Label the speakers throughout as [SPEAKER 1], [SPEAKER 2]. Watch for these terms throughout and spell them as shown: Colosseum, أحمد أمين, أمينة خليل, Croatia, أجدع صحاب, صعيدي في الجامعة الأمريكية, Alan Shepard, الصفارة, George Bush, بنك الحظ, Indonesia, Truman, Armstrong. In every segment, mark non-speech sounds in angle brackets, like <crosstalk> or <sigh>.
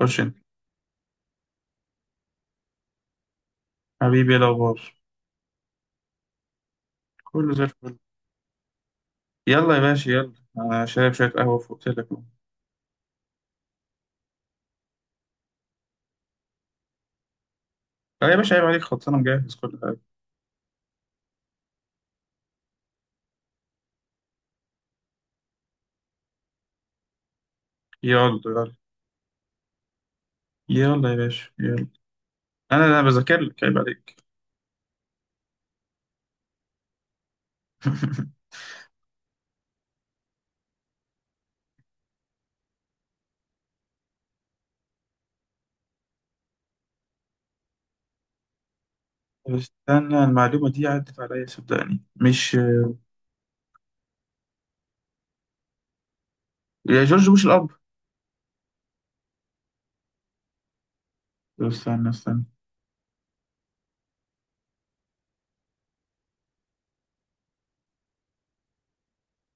[SPEAKER 1] خش انت. حبيبي، ايه الاخبار؟ كله زي الفل. يلا يا باشا يلا. انا شارب شويه قهوه فوق لك اهو. لا يا باشا عيب عليك، خلاص انا مجهز كل حاجه. يلا يلا. يلا يا باشا يلا. انا بذاكر لك، عيب عليك. <laughs> طب استنى، المعلومه دي عدت عليا، صدقني مش. يا جورج بوش الاب. طب استنى.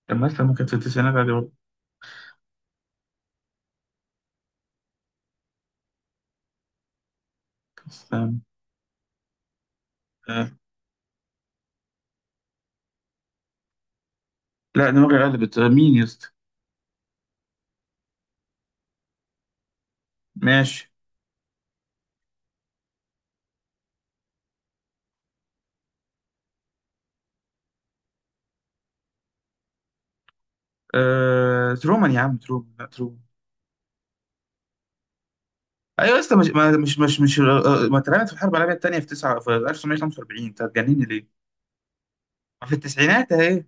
[SPEAKER 1] طب ما استنى، كانت في التسعينات عادي برضه. استنى. آه. لا دماغي قلبت. مين يا اسطى؟ ماشي. ترومان يا عم، ترومان، لا ترومان. ايوه يا اسطى، مش ما- مش مش مش آه، آه، ما اترمت في الحرب العالميه الثانيه في 9 في 1945، انت هتجنني ليه؟ ما في التسعينات اهي.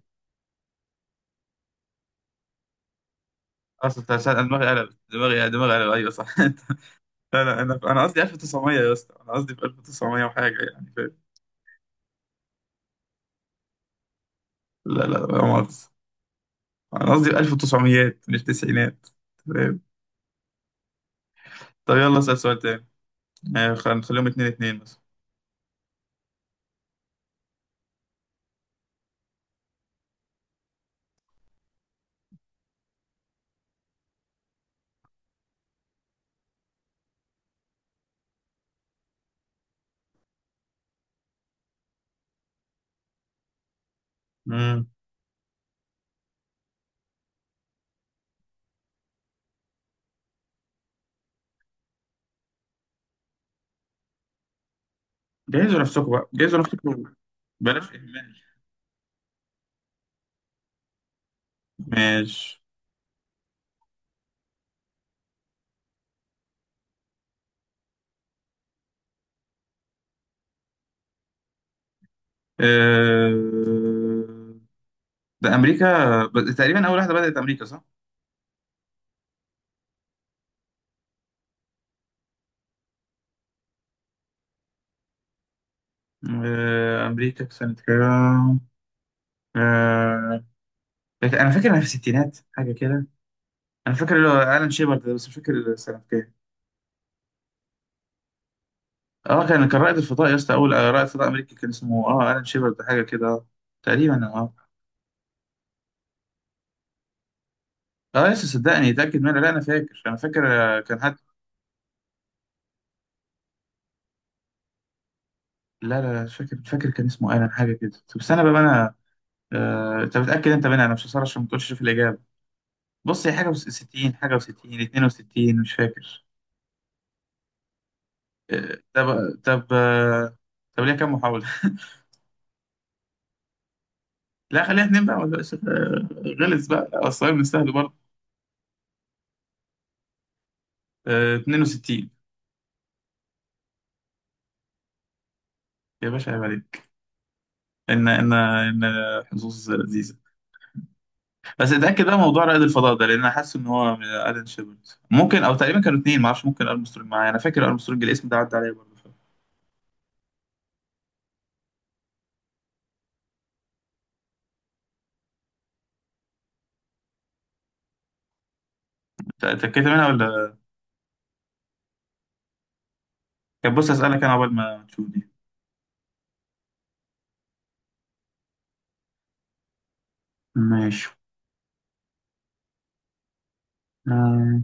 [SPEAKER 1] اصل أنا دماغي قلبت، دماغي قلبت، ايوه صح. <laughs> لا لا، انا قصدي 1900 يا اسطى، انا قصدي في 1900 وحاجه، يعني فاهم. لا لا لا، مؤاخذه. انا قصدي في 1900 مش تسعينات، فاهم. طب يلا اسال سؤال تاني. نخليهم 2 2 مثلا. امم جهزوا نفسكم بقى، جهزوا نفسكم. بلاش اهمال. ماشي. أه... ده امريكا. تقريبا اول واحده بدات امريكا، صح. امريكا في سنه كام. آه، انا فاكر انها في الستينات حاجه كده. انا فاكر اللي هو الان شيبرد ده، بس مش فاكر سنه كام. اه، كان رائد الفضاء يا اسطى، اول رائد فضاء امريكي، كان اسمه الان شيبرد ده، حاجه كده تقريبا اه لسه، صدقني اتاكد منها، لا انا فاكر كان حد. لا لا لا، مش فاكر كان اسمه الان حاجه كده. طب استنى بقى انا. انت متاكد انت منها؟ انا مش هصرش عشان ما تقولش في الاجابه. بص هي حاجه و60، حاجه و60، 62، مش فاكر. آه، طب طب آه، طب ليها كام محاولة؟ <laughs> لا خليها اتنين بقى، ولا غلس بقى، الصعيد من سهل برضه. 62. يا باشا عيب عليك. ان حظوظ لذيذة. بس اتأكد بقى موضوع رائد الفضاء ده، لان انا حاسس ان هو من الن شيبرد ممكن، او تقريبا كانوا اتنين، معرفش ممكن ارمسترونج معايا، انا فاكر ارمسترونج الاسم ده عدى عليا برضه. اتأكدت منها ولا؟ كان، بص اسألك انا قبل ما تشوف دي. ماشي. آه،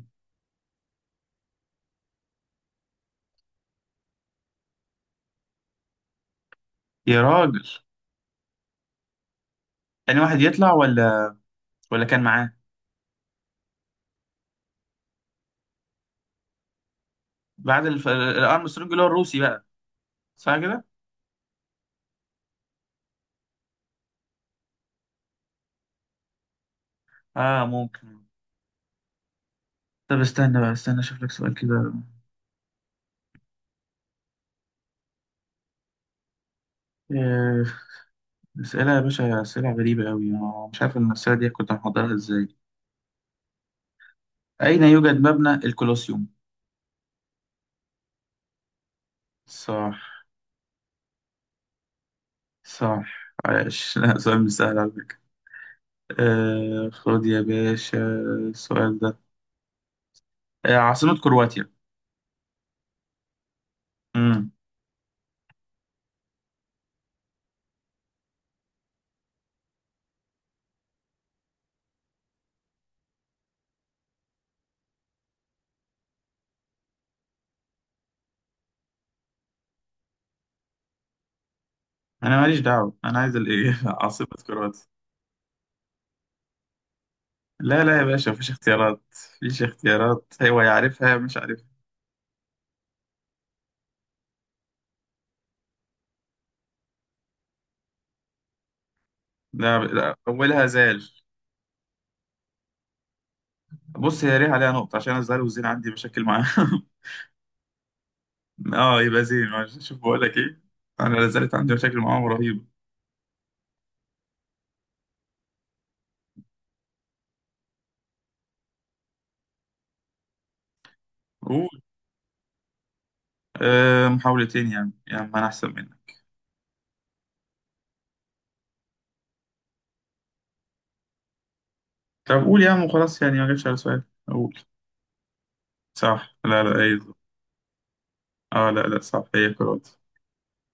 [SPEAKER 1] يا راجل. تاني واحد يطلع؟ ولا، ولا كان معاه؟ بعد الارمسترونج اللي هو الروسي بقى. صح. اه ممكن. طب استنى بقى، استنى اشوف لك سؤال كده. آه، اسئله يا باشا، اسئله غريبه قوي، انا مش عارف المساله دي كنت محضرها ازاي. اين يوجد مبنى الكولوسيوم؟ صح. صح، عايش. <laughs> لا، سؤال مش سهل على فكره. آه، خد يا باشا السؤال ده. آه، عاصمه كرواتيا. امم انا ماليش دعوه، انا عايز الايه. <laughs> عاصمه كرواتيا. لا لا يا باشا، مفيش اختيارات. مفيش اختيارات، هو يعرفها مش عارفها. لا لا، اولها زال. بص، هي ليها عليها نقطة، عشان أنا الزهر والزين عندي مشاكل معاهم. <laughs> اه يبقى زين، معلش. شوف بقول لك ايه، انا لا زالت عندي مشاكل معاهم رهيبة. قول. محاولتين، يعني ما انا احسن منك. طب قول يا عم وخلاص، يعني ما جاتش على سؤال، قول. صح، لا لا اي. اه لا لا، صح هي كرواتيا.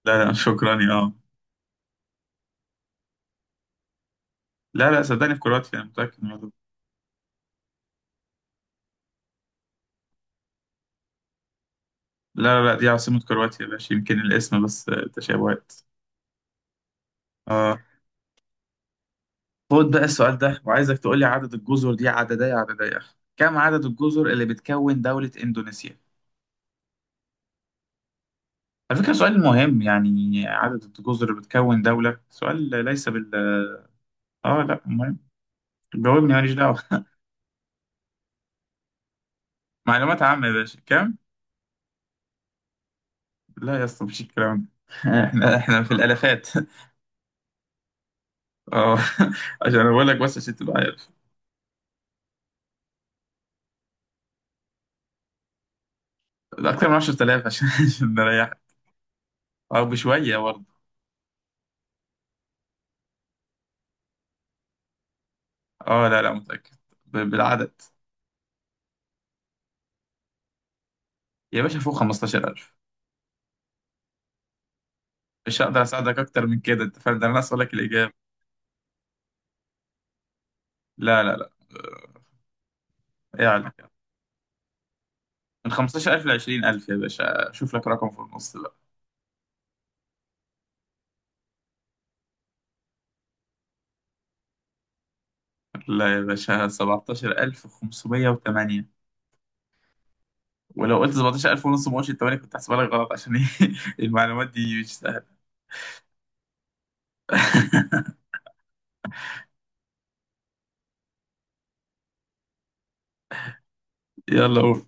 [SPEAKER 1] لا لا. <laughs> شكرا يا لا لا صدقني، في كرواتيا، انا متأكد من الموضوع. لا لا لا، دي عاصمة كرواتيا يا باشا، يمكن الاسم بس تشابهات. اه. خد بقى السؤال ده، وعايزك تقول لي عدد الجزر، دي عددية عددية. كم عدد الجزر اللي بتكون دولة إندونيسيا؟ على فكرة، سؤال مهم، يعني عدد الجزر اللي بتكون دولة، سؤال ليس بال. اه لا، مهم. جاوبني، ماليش دعوة. <laughs> معلومات عامة يا باشا، كم؟ لا يا اسطى، مفيش الكلام ده. <laughs> احنا في الالافات. <laughs> اه، عشان انا بقول لك بس عشان تبقى عارف، اكتر من 10000 عشان <laughs> عشان نريحك، او بشوية برضه. اه لا لا متأكد، بالعدد. يا باشا فوق 15000. مش هقدر اساعدك اكتر من كده، انت فاهم ده، انا اسالك لك الاجابه. لا لا لا، يعني من 15000 ل 20000 يا باشا، شوف لك رقم في النص بقى. لا يا باشا، 17508. ولو قلت 17000 ونص، ما قلتش 8، كنت هحسبها لك غلط، عشان ايه. <laughs> المعلومات دي مش سهله. <laughs> يلا قول.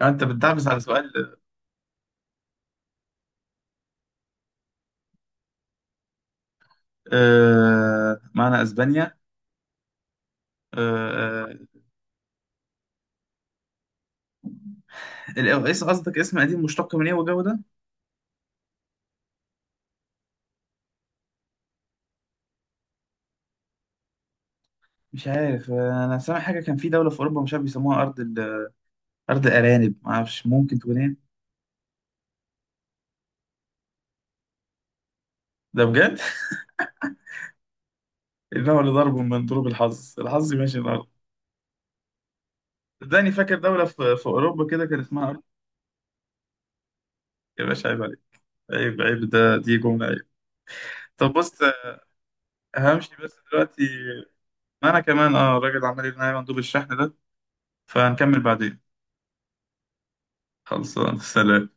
[SPEAKER 1] انت بتدعبس على سؤال. آه معنى اسبانيا. آه. ايه قصدك، اسم قديم مشتق من ايه والجو ده؟ مش عارف. انا سامع حاجه كان في دوله في اوروبا، مش عارف بيسموها ارض. أرض أرانب، ما أعرفش، ممكن تكون إيه. ده بجد. <laughs> إنه لضرب من ضروب الحظ، ماشي الأرض. صدقني فاكر دولة في أوروبا كده كان اسمها أرض. يا باشا عيب عليك. عيب. عيب ده. دي جملة عيب. طب بص، همشي بس دلوقتي. ما أنا كمان، الراجل عمال يرن عليا مندوب الشحن ده، فهنكمل بعدين. خلصان، سلام.